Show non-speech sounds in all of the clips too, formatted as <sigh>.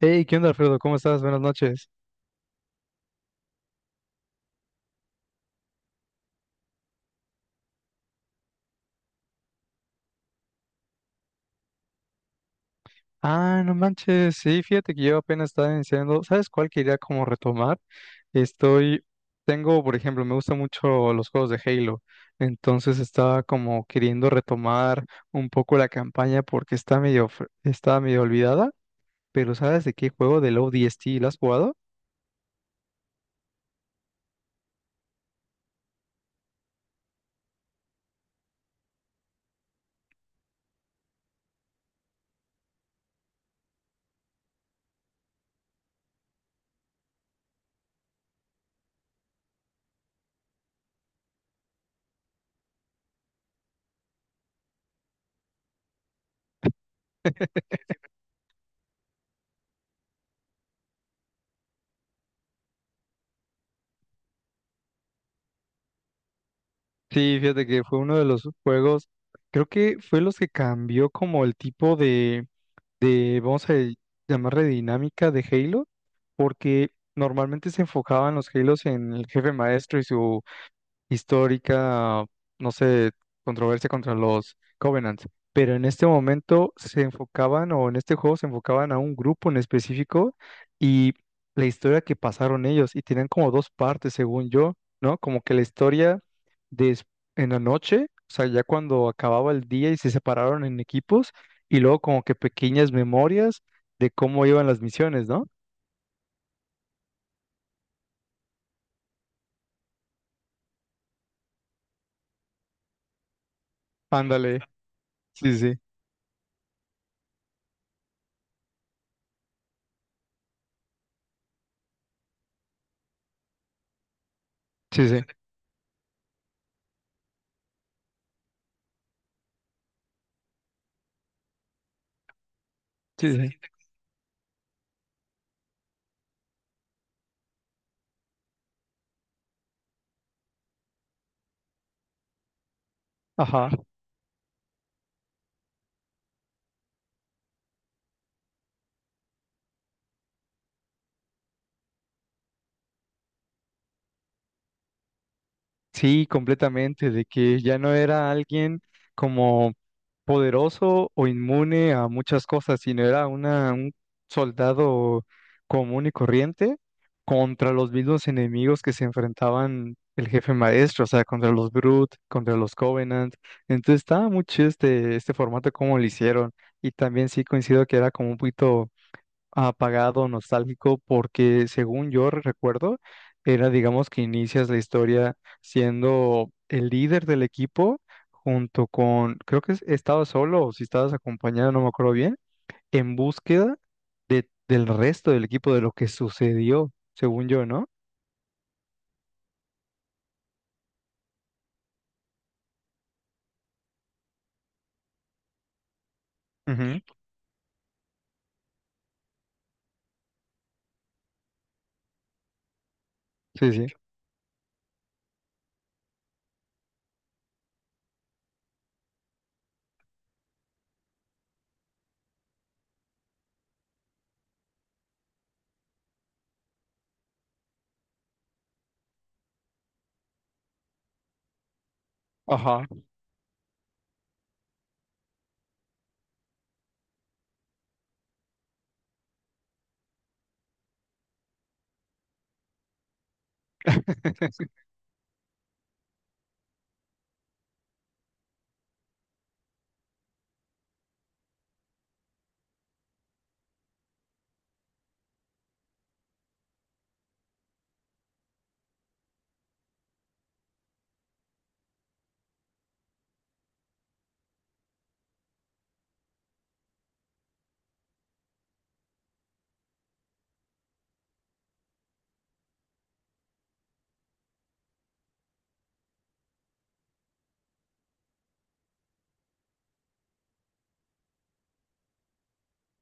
Hey, ¿qué onda, Alfredo? ¿Cómo estás? Buenas noches. Ah, no manches. Sí, fíjate que yo apenas estaba iniciando. ¿Sabes cuál quería como retomar? Estoy, tengo, por ejemplo, me gustan mucho los juegos de Halo. Entonces estaba como queriendo retomar un poco la campaña porque está medio olvidada. Pero ¿sabes de qué juego del ODST la has jugado? <laughs> Sí, fíjate que fue uno de los juegos, creo que fue los que cambió como el tipo de, vamos a llamarle dinámica de Halo, porque normalmente se enfocaban los Halos en el jefe maestro y su histórica, no sé, controversia contra los Covenants, pero en este momento se enfocaban, o en este juego se enfocaban a un grupo en específico y la historia que pasaron ellos, y tenían como dos partes, según yo, ¿no? Como que la historia de en la noche, o sea, ya cuando acababa el día y se separaron en equipos, y luego como que pequeñas memorias de cómo iban las misiones, ¿no? Ándale. Sí, sí, sí, sí, sí, sí. Ajá, sí, completamente, de que ya no era alguien como poderoso o inmune a muchas cosas, sino era una, un soldado común y corriente contra los mismos enemigos que se enfrentaban el jefe maestro, o sea, contra los Brute, contra los Covenant. Entonces estaba muy chido este formato como lo hicieron. Y también sí coincido que era como un poquito apagado, nostálgico, porque según yo recuerdo, era, digamos, que inicias la historia siendo el líder del equipo junto con, creo que estabas solo o si estabas acompañado, no me acuerdo bien, en búsqueda de, del resto del equipo, de lo que sucedió, según yo, ¿no? Ujú, sí, sí. Ajá. <laughs>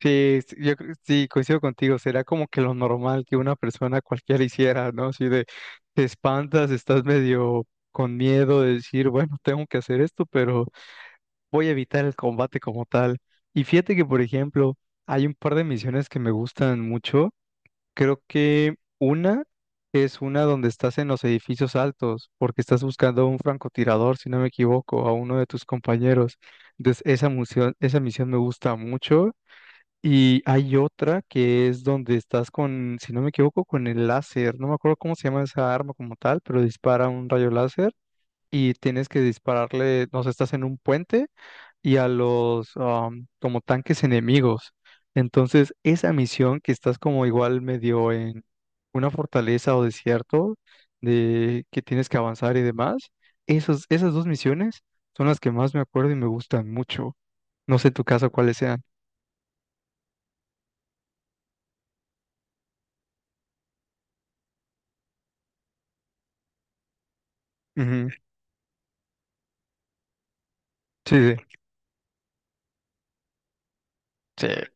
Sí, sí, sí, coincido contigo, será como que lo normal que una persona cualquiera <laughs> hiciera, ¿no? Así de, te espantas, estás medio con miedo de decir, bueno, tengo que hacer esto, pero voy a evitar el combate como tal. Y fíjate que, por ejemplo, hay un par de misiones que me gustan mucho. Creo que una es una donde estás en los edificios altos, porque estás buscando a un francotirador, si no me equivoco, a uno de tus compañeros. Entonces, esa misión me gusta mucho y hay otra que es donde estás con, si no me equivoco, con el láser. No me acuerdo cómo se llama esa arma como tal, pero dispara un rayo láser y tienes que dispararle, no sé, estás en un puente y a los como tanques enemigos. Entonces, esa misión que estás como igual medio en una fortaleza o desierto de que tienes que avanzar y demás, esos, esas dos misiones son las que más me acuerdo y me gustan mucho. No sé en tu caso cuáles sean. Ujú, sí, sí.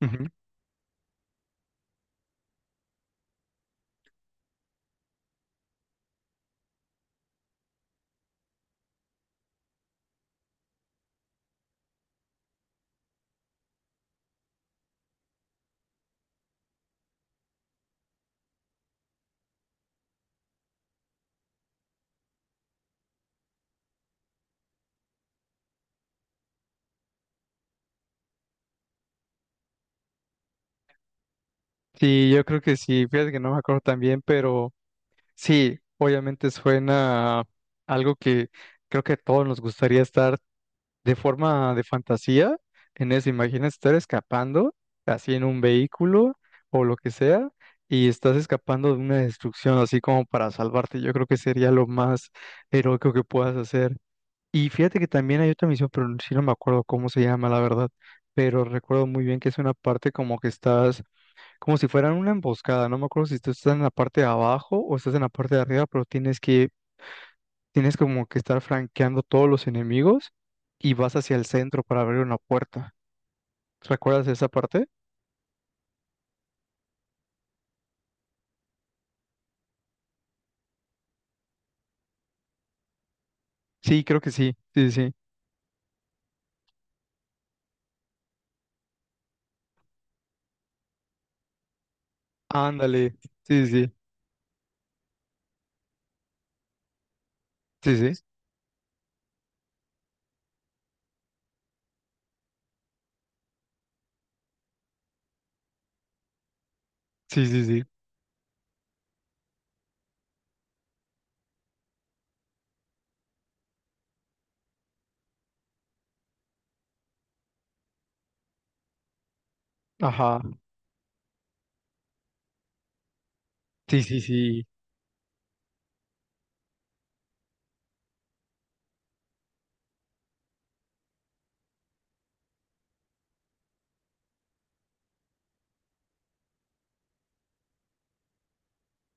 Ujú. Sí, yo creo que sí, fíjate que no me acuerdo tan bien, pero sí, obviamente suena a algo que creo que a todos nos gustaría estar de forma de fantasía en eso. Imagina estar escapando así en un vehículo o lo que sea y estás escapando de una destrucción así como para salvarte. Yo creo que sería lo más heroico que puedas hacer. Y fíjate que también hay otra misión, pero sí no me acuerdo cómo se llama, la verdad, pero recuerdo muy bien que es una parte como que estás como si fueran una emboscada. No me acuerdo si tú estás en la parte de abajo o estás en la parte de arriba, pero tienes como que estar franqueando todos los enemigos y vas hacia el centro para abrir una puerta. ¿Recuerdas esa parte? Sí, creo que sí. Sí, sí. Ándale. Sí, sí. Sí, sí. Sí, sí, sí. Ajá. Sí, sí, sí.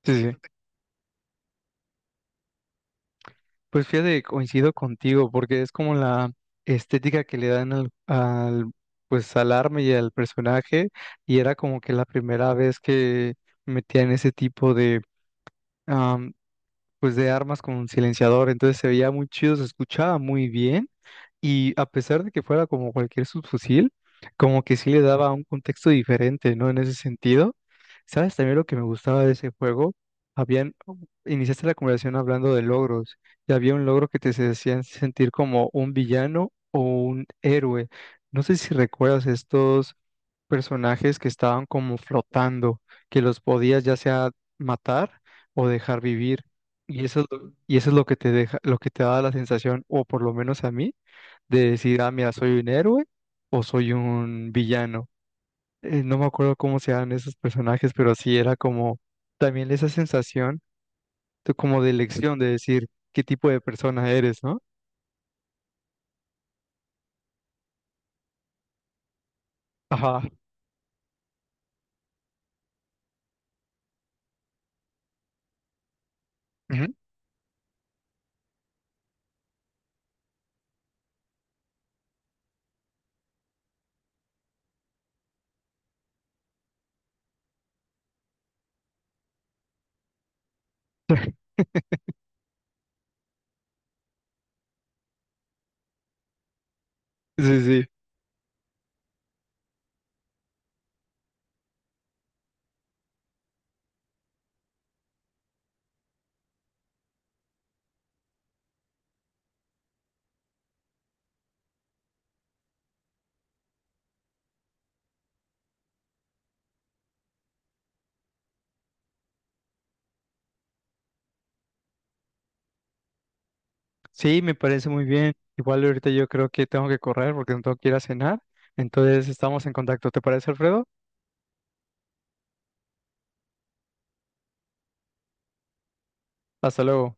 Sí, sí. Pues fíjate, coincido contigo, porque es como la estética que le dan pues al arma y al personaje, y era como que la primera vez que metían ese tipo de pues de armas con un silenciador, entonces se veía muy chido, se escuchaba muy bien y a pesar de que fuera como cualquier subfusil, como que sí le daba un contexto diferente, ¿no? En ese sentido, ¿sabes también lo que me gustaba de ese juego? Habían, oh, iniciaste la conversación hablando de logros y había un logro que hacían sentir como un villano o un héroe. No sé si recuerdas estos personajes que estaban como flotando, que los podías ya sea matar o dejar vivir. Y eso es lo que te deja, lo que te da la sensación, o por lo menos a mí, de decir, ah, mira, soy un héroe o soy un villano. No me acuerdo cómo se llaman esos personajes, pero sí era como también esa sensación de, como de elección, de decir qué tipo de persona eres, ¿no? Ajá. Ujú. <laughs> Sí, sí. Sí, me parece muy bien. Igual ahorita yo creo que tengo que correr porque no tengo que ir a cenar. Entonces estamos en contacto. ¿Te parece, Alfredo? Hasta luego.